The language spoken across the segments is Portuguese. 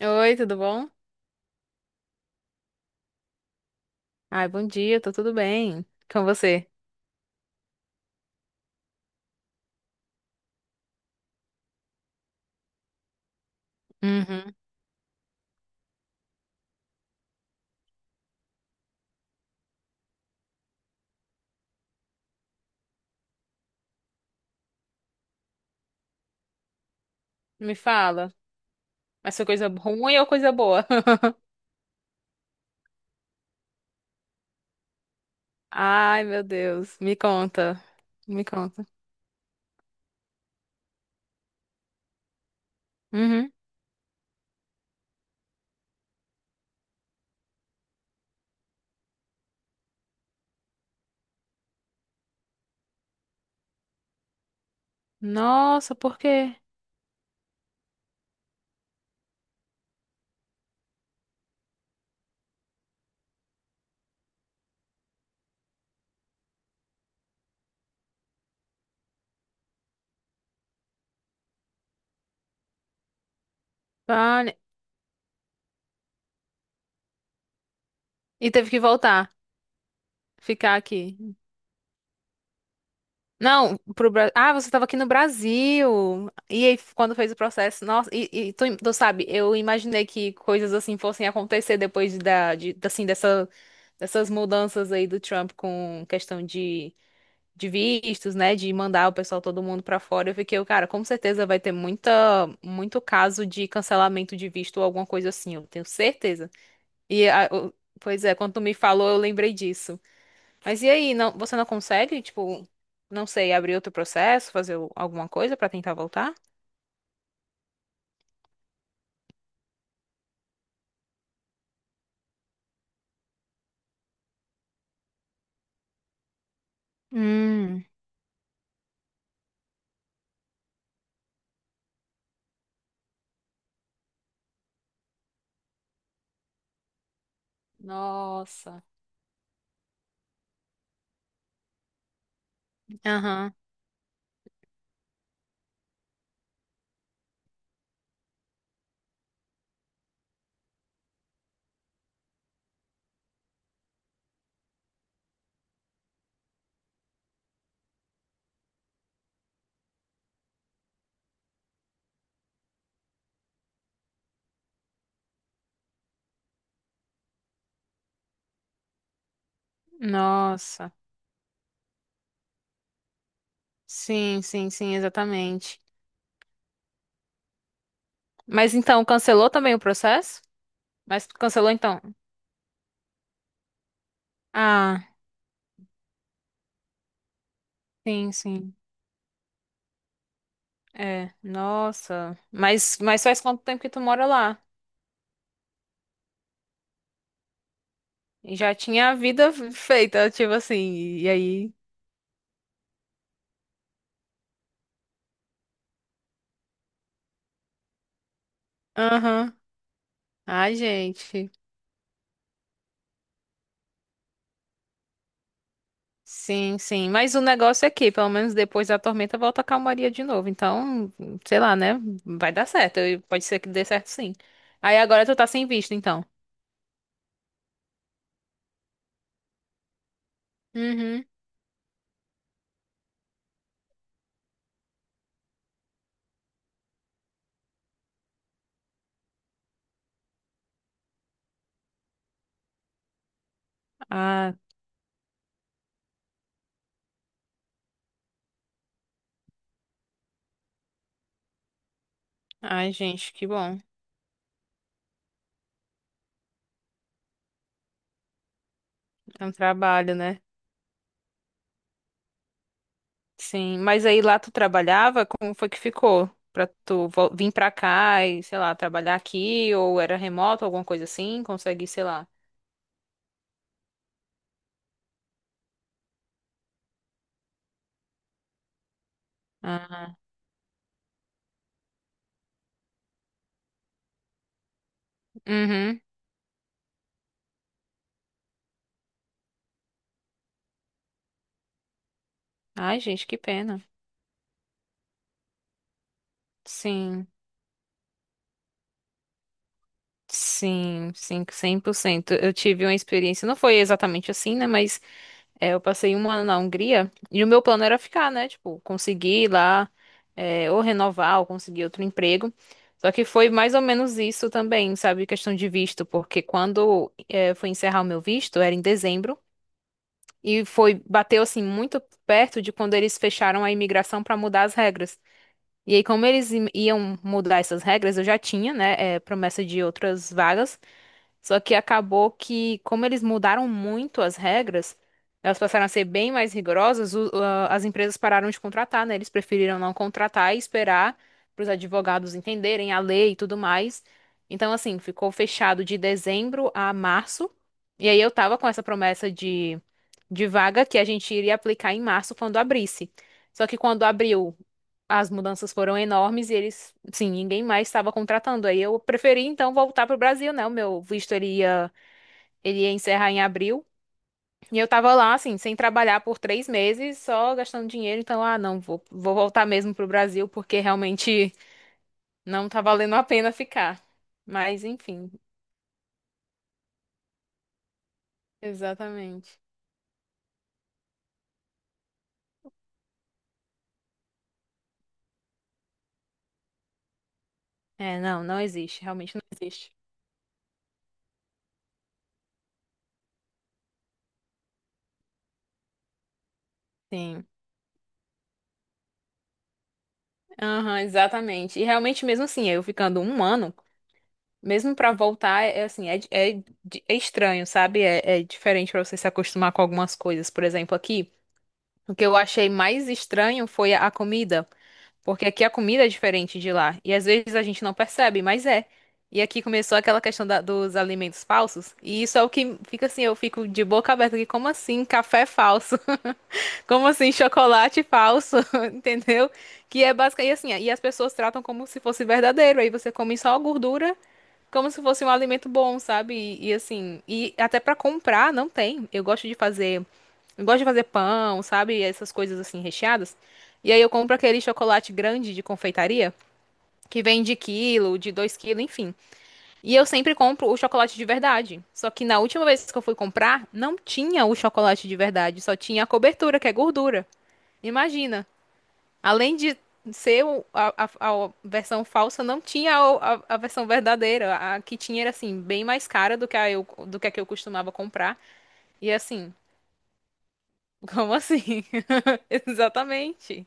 Oi, tudo bom? Ai, bom dia, tô tudo bem. Com você? Uhum. Me fala. Mas foi coisa ruim ou coisa boa? Ai, meu Deus. Me conta. Me conta. Uhum. Nossa, por quê? Vale. E teve que voltar. Ficar aqui. Não, pro Brasil. Ah, você tava aqui no Brasil. E aí, quando fez o processo? Nossa, e tu sabe, eu imaginei que coisas assim fossem acontecer depois assim, dessas mudanças aí do Trump com questão de vistos, né, de mandar o pessoal todo mundo pra fora. Eu fiquei, cara, com certeza vai ter muita muito caso de cancelamento de visto ou alguma coisa assim, eu tenho certeza. E a- o- Pois é, quando tu me falou, eu lembrei disso. Mas e aí, não, você não consegue, tipo, não sei, abrir outro processo, alguma coisa pra tentar voltar? Hum, nossa. Aham. Nossa. Sim, sim, sim, exatamente. Mas então cancelou também o processo? Mas cancelou então? Ah, sim, sim. É, nossa. Mas faz quanto tempo que tu mora lá? E já tinha a vida feita, tipo assim. E aí? Aham. Ai, gente. Sim, sim. Mas o negócio é que, pelo menos depois da tormenta, volta a calmaria de novo. Então, sei lá, né? Vai dar certo. E pode ser que dê certo, sim. Aí agora tu tá sem visto, então. Uhum. Ah, ai, gente, que bom. É um trabalho, né? Sim, mas aí lá tu trabalhava, como foi que ficou? Pra tu vir pra cá e, sei lá, trabalhar aqui, ou era remoto, alguma coisa assim, consegue, sei lá. Ah, uhum. Ai, gente, que pena. Sim, sim, sim, 100%. Eu tive uma experiência, não foi exatamente assim, né, mas é, eu passei um ano na Hungria e o meu plano era ficar, né? Tipo, conseguir ir lá, é, ou renovar, ou conseguir outro emprego. Só que foi mais ou menos isso também, sabe? Questão de visto, porque quando é, foi encerrar o meu visto, era em dezembro, e foi, bateu assim muito perto de quando eles fecharam a imigração para mudar as regras. E aí, como eles iam mudar essas regras, eu já tinha, né, é, promessa de outras vagas. Só que acabou que, como eles mudaram muito as regras, elas passaram a ser bem mais rigorosas, as empresas pararam de contratar, né? Eles preferiram não contratar e esperar para os advogados entenderem a lei e tudo mais. Então, assim, ficou fechado de dezembro a março. E aí eu tava com essa promessa de vaga que a gente iria aplicar em março quando abrisse. Só que quando abriu, as mudanças foram enormes e eles, sim, ninguém mais estava contratando. Aí eu preferi então voltar para o Brasil, né? O meu visto ele ia encerrar em abril. E eu tava lá, assim, sem trabalhar por 3 meses, só gastando dinheiro. Então, ah, não, vou voltar mesmo pro Brasil, porque realmente não tá valendo a pena ficar. Mas, enfim, exatamente. É, não, não existe, realmente não existe. Sim. Aham, exatamente. E realmente, mesmo assim, eu ficando um ano, mesmo pra voltar, é assim, é estranho, sabe? É, é diferente pra você se acostumar com algumas coisas. Por exemplo, aqui, o que eu achei mais estranho foi a comida, porque aqui a comida é diferente de lá. E às vezes a gente não percebe, mas é. E aqui começou aquela questão dos alimentos falsos, e isso é o que fica assim, eu fico de boca aberta aqui, como assim, café falso? Como assim, chocolate falso, entendeu? Que é basicamente assim, e as pessoas tratam como se fosse verdadeiro. Aí você come só a gordura, como se fosse um alimento bom, sabe? E assim, e até pra comprar não tem. Eu gosto de fazer pão, sabe? Essas coisas assim recheadas. E aí eu compro aquele chocolate grande de confeitaria que vem de quilo, de 2 quilos, enfim. E eu sempre compro o chocolate de verdade. Só que na última vez que eu fui comprar, não tinha o chocolate de verdade, só tinha a cobertura, que é gordura. Imagina. Além de ser a versão falsa, não tinha a versão verdadeira. A que tinha era assim, bem mais cara do que a que eu costumava comprar. E assim, como assim? Exatamente.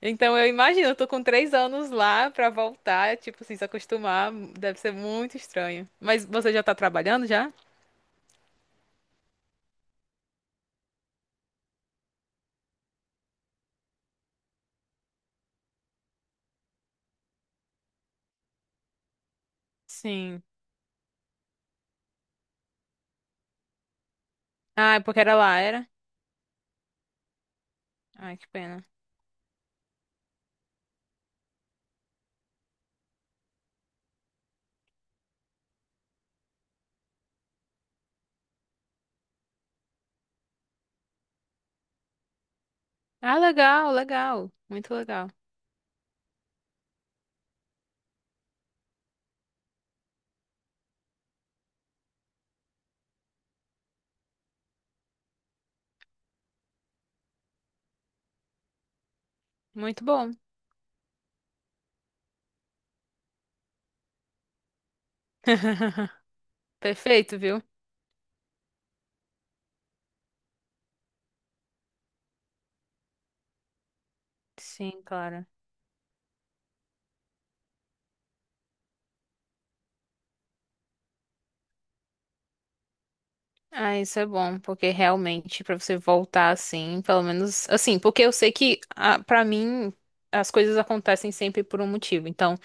Então eu imagino, eu tô com 3 anos lá pra voltar, tipo, assim, se acostumar, deve ser muito estranho. Mas você já tá trabalhando já? Sim. Ah, é porque era lá, era? Ai, que pena. Ah, legal, legal. Muito legal. Muito bom. Perfeito, viu? Sim, claro. Ah, isso é bom, porque realmente pra você voltar assim, pelo menos assim, porque eu sei que pra mim as coisas acontecem sempre por um motivo. Então,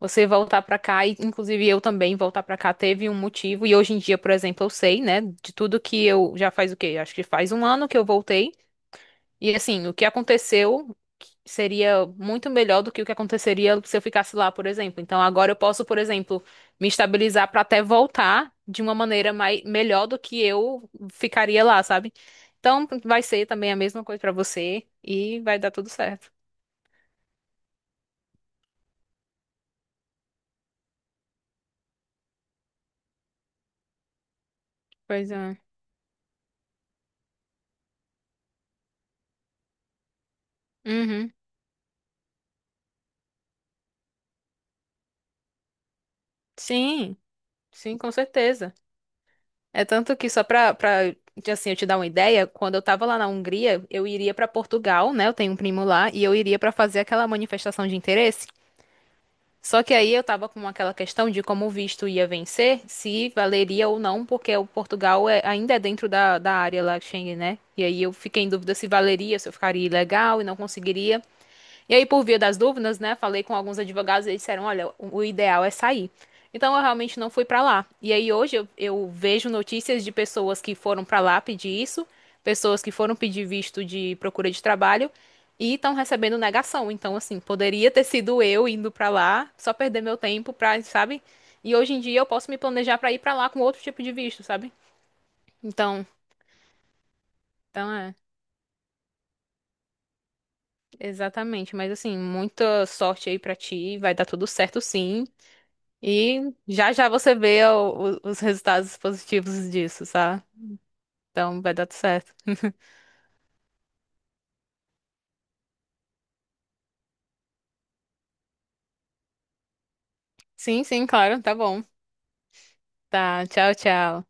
você voltar pra cá e inclusive eu também voltar pra cá teve um motivo e hoje em dia, por exemplo, eu sei, né, de tudo que eu já faz o quê? Acho que faz um ano que eu voltei. E assim, o que aconteceu seria muito melhor do que o que aconteceria se eu ficasse lá, por exemplo. Então agora eu posso, por exemplo, me estabilizar para até voltar de uma maneira melhor do que eu ficaria lá, sabe? Então vai ser também a mesma coisa para você e vai dar tudo certo. Pois é. Uhum. Sim, sim, com certeza. É tanto que só pra assim, eu te dar uma ideia, quando eu tava lá na Hungria, eu iria pra Portugal, né? Eu tenho um primo lá, e eu iria pra fazer aquela manifestação de interesse. Só que aí eu tava com aquela questão de como o visto ia vencer, se valeria ou não, porque o Portugal ainda é dentro da área lá Schengen, né? E aí eu fiquei em dúvida se valeria, se eu ficaria ilegal e não conseguiria. E aí, por via das dúvidas, né, falei com alguns advogados e eles disseram, olha, o ideal é sair. Então, eu realmente não fui pra lá. E aí, hoje, eu vejo notícias de pessoas que foram pra lá pedir isso, pessoas que foram pedir visto de procura de trabalho e estão recebendo negação. Então, assim, poderia ter sido eu indo pra lá, só perder meu tempo pra, sabe? E hoje em dia eu posso me planejar pra ir pra lá com outro tipo de visto, sabe? Então, então é, exatamente. Mas assim, muita sorte aí pra ti, vai dar tudo certo sim. E já já você vê os resultados positivos disso, tá? Então vai dar tudo certo. Sim, sim, claro, tá bom. Tá, tchau, tchau.